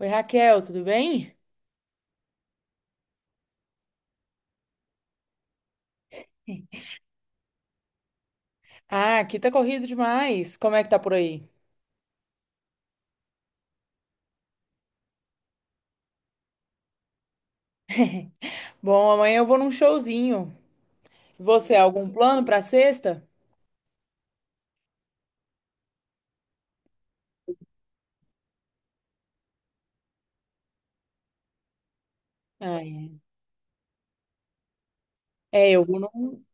Oi, Raquel, tudo bem? Ah, aqui tá corrido demais. Como é que tá por aí? Bom, amanhã eu vou num showzinho. Você, algum plano pra sexta? Ah, é, É, eu vou num,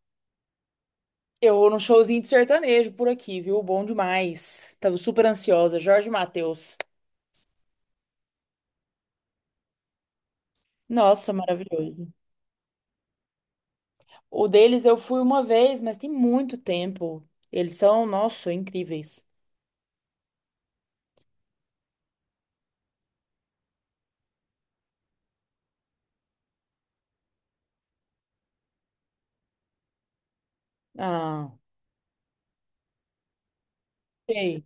eu vou num showzinho de sertanejo por aqui, viu? Bom demais. Tava super ansiosa. Jorge Mateus. Nossa, maravilhoso. O deles eu fui uma vez, mas tem muito tempo. Eles são, nossa, incríveis. Ah, sei.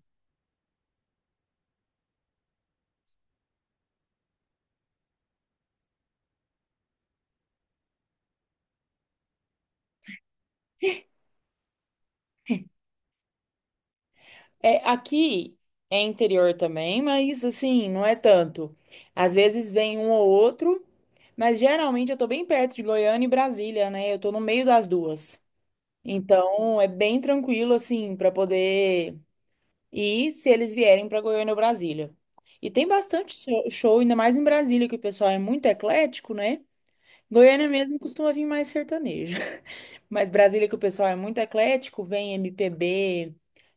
É, aqui é interior também, mas assim, não é tanto. Às vezes vem um ou outro, mas geralmente eu tô bem perto de Goiânia e Brasília, né? Eu tô no meio das duas. Então é bem tranquilo, assim, para poder ir se eles vierem para Goiânia ou Brasília. E tem bastante show, ainda mais em Brasília, que o pessoal é muito eclético, né? Goiânia mesmo costuma vir mais sertanejo. Mas Brasília, que o pessoal é muito eclético, vem MPB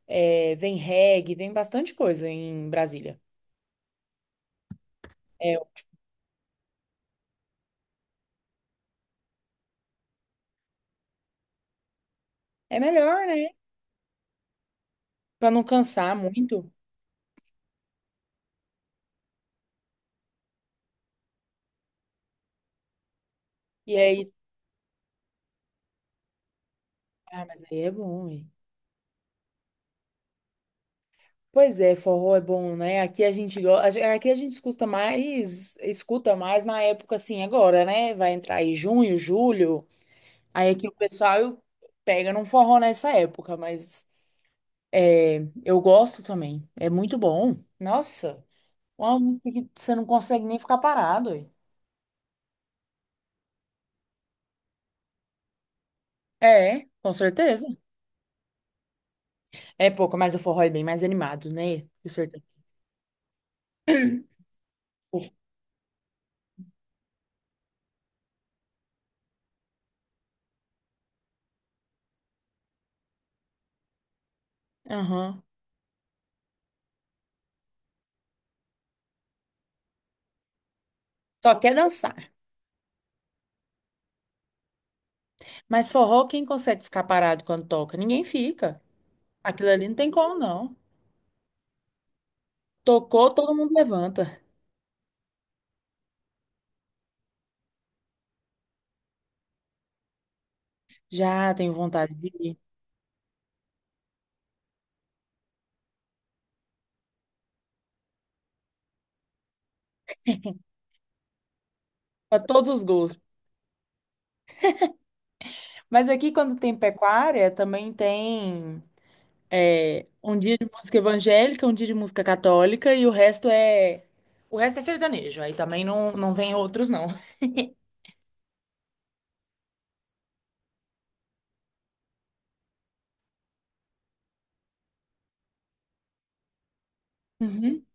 é, vem reggae, vem bastante coisa em Brasília. É, é melhor, né? Pra não cansar muito. E aí, ah, mas aí é bom, hein? Pois é, forró é bom, né? Aqui a gente gosta, aqui a gente escuta mais na época assim agora, né? Vai entrar aí junho, julho. Aí aqui o pessoal pega num forró nessa época, mas é, eu gosto também. É muito bom. Nossa, uma música que você não consegue nem ficar parado. Hein? É, com certeza. É pouco, mas o forró é bem mais animado, né? O sertanejo. Aham. Só quer dançar. Mas forró, quem consegue ficar parado quando toca? Ninguém fica. Aquilo ali não tem como, não. Tocou, todo mundo levanta. Já tenho vontade de ir. Para todos os gostos. Mas aqui, quando tem pecuária, também tem é, um dia de música evangélica, um dia de música católica e o resto é. O resto é sertanejo. Aí também não, não vem outros, não. Uhum.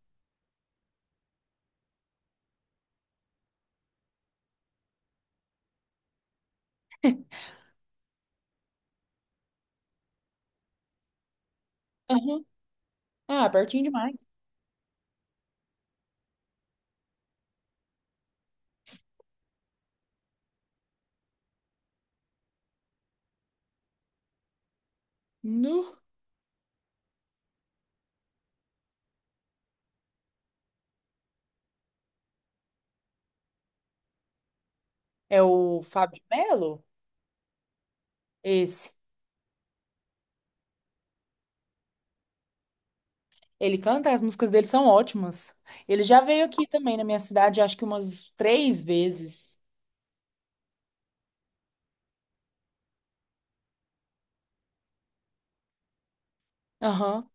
Aham. Ah, pertinho demais. Nu. É o Fábio de Melo? Esse. Ele canta, as músicas dele são ótimas. Ele já veio aqui também na minha cidade, acho que umas três vezes. Aham.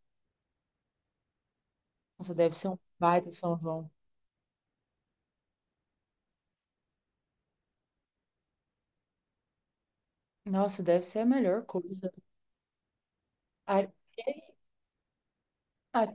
Nossa, deve ser um baita São João. Nossa, deve ser a melhor coisa. Ai, ai,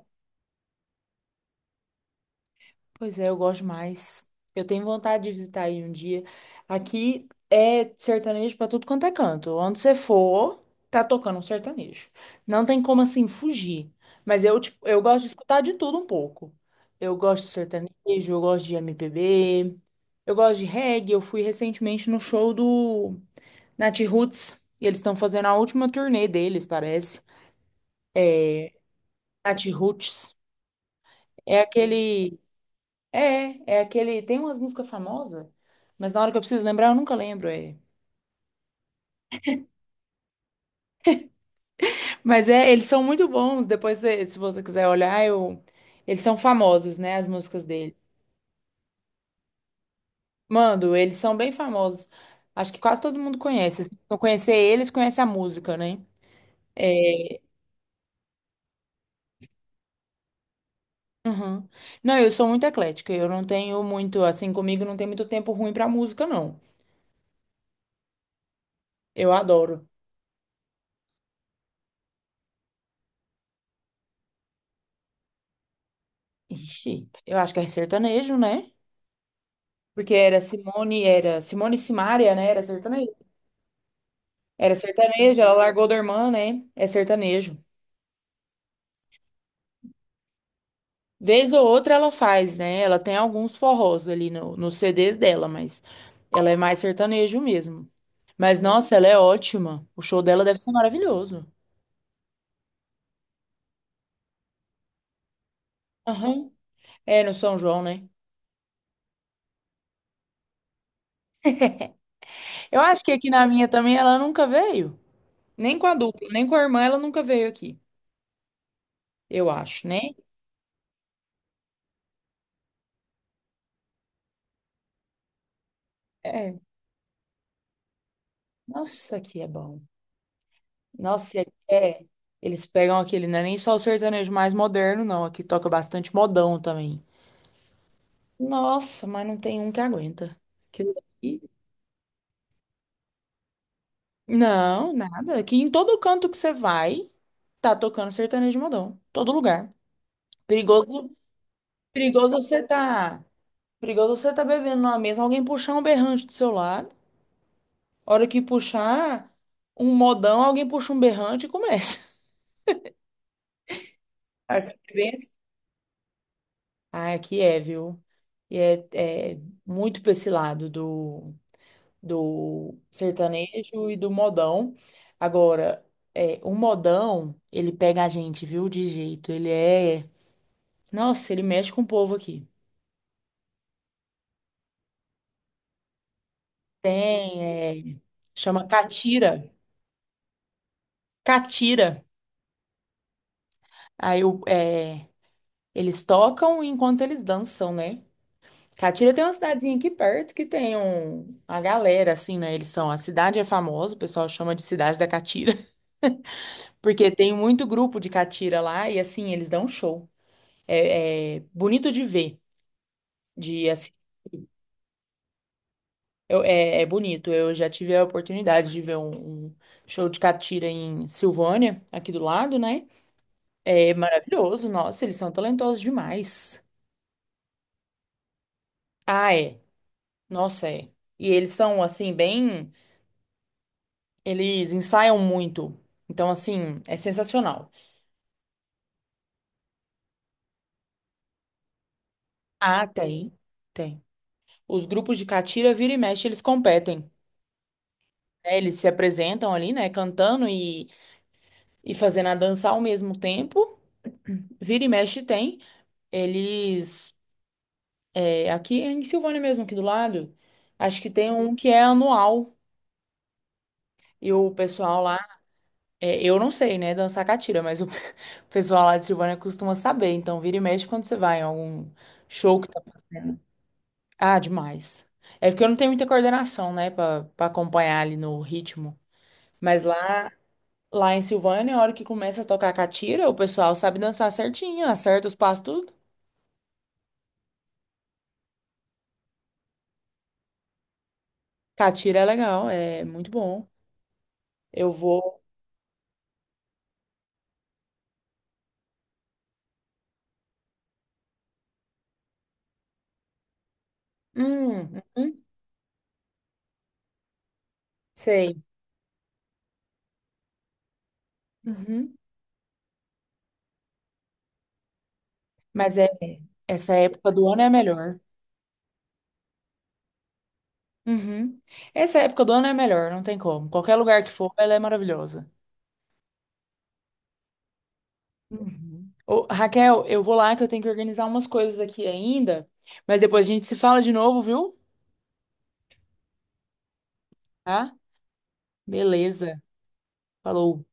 pois é, eu gosto mais. Eu tenho vontade de visitar aí um dia. Aqui é sertanejo pra tudo quanto é canto. Onde você for, tá tocando um sertanejo. Não tem como assim fugir. Mas eu, tipo, eu gosto de escutar de tudo um pouco. Eu gosto de sertanejo, eu gosto de MPB, eu gosto de reggae. Eu fui recentemente no show do Nat Roots. E eles estão fazendo a última turnê deles, parece. Nat Roots. É aquele É, é aquele. Tem umas músicas famosas, mas na hora que eu preciso lembrar, eu nunca lembro. É. Mas é, eles são muito bons. Depois, se você quiser olhar, eu, eles são famosos, né? As músicas dele. Mando, eles são bem famosos. Acho que quase todo mundo conhece. Se não conhecer eles, conhece a música, né? É, uhum. Não, eu sou muito eclética. Eu não tenho muito, assim, comigo não tem muito tempo ruim pra música, não. Eu adoro. Ixi, eu acho que é sertanejo, né? Porque era Simone e Simaria, né? Era sertanejo. Era sertanejo, ela largou da irmã, né? É sertanejo. Vez ou outra ela faz, né? Ela tem alguns forrós ali no, nos CDs dela, mas ela é mais sertanejo mesmo. Mas nossa, ela é ótima. O show dela deve ser maravilhoso. Aham. É, no São João, né? Eu acho que aqui na minha também ela nunca veio. Nem com a dupla, nem com a irmã ela nunca veio aqui. Eu acho, né? É. Nossa, aqui é bom. Nossa, aqui é. Eles pegam aquele, não é nem só o sertanejo mais moderno, não. Aqui toca bastante modão também. Nossa, mas não tem um que aguenta. Aquilo ali- Não, nada. Aqui em todo canto que você vai, tá tocando sertanejo modão. Todo lugar. Perigoso, perigoso você tá. Perigoso você tá bebendo numa mesa, alguém puxar um berrante do seu lado. Hora que puxar um modão, alguém puxa um berrante e começa. Aqui é bem assim. Ah, aqui é, viu? E é, é muito pra esse lado do sertanejo e do modão. Agora, é, o modão, ele pega a gente, viu, de jeito. Ele é. Nossa, ele mexe com o povo aqui. Tem, é, chama catira. Catira. Aí é, eles tocam enquanto eles dançam, né? Catira tem uma cidadezinha aqui perto que tem um, uma galera, assim, né? Eles são. A cidade é famosa, o pessoal chama de Cidade da Catira, porque tem muito grupo de catira lá e, assim, eles dão show. É, é bonito de ver, de assim, é, é bonito. Eu já tive a oportunidade de ver um, um show de catira em Silvânia, aqui do lado, né? É maravilhoso, nossa, eles são talentosos demais. Ah, é. Nossa, é. E eles são, assim, bem. Eles ensaiam muito. Então, assim, é sensacional. Ah, tem. Tem. Os grupos de catira, vira e mexe, eles competem. Né? Eles se apresentam ali, né? Cantando e fazendo a dança ao mesmo tempo. Vira e mexe tem. Eles. É, aqui é em Silvânia mesmo, aqui do lado. Acho que tem um que é anual. E o pessoal lá. É, eu não sei, né, dançar catira, mas o o pessoal lá de Silvânia costuma saber. Então, vira e mexe quando você vai em algum show que tá passando. Ah, demais. É porque eu não tenho muita coordenação, né, pra, pra acompanhar ali no ritmo. Mas lá. Lá em Silvânia, a hora que começa a tocar catira, o pessoal sabe dançar certinho, acerta os passos, tudo. Catira é legal, é muito bom. Eu vou. Hum, uhum, sei. Uhum. Mas é, essa época do ano é a melhor. Uhum. Essa época do ano é a melhor, não tem como. Qualquer lugar que for, ela é maravilhosa. Uhum. Ô, Raquel, eu vou lá que eu tenho que organizar umas coisas aqui ainda, mas depois a gente se fala de novo, viu? Tá? Beleza. Falou.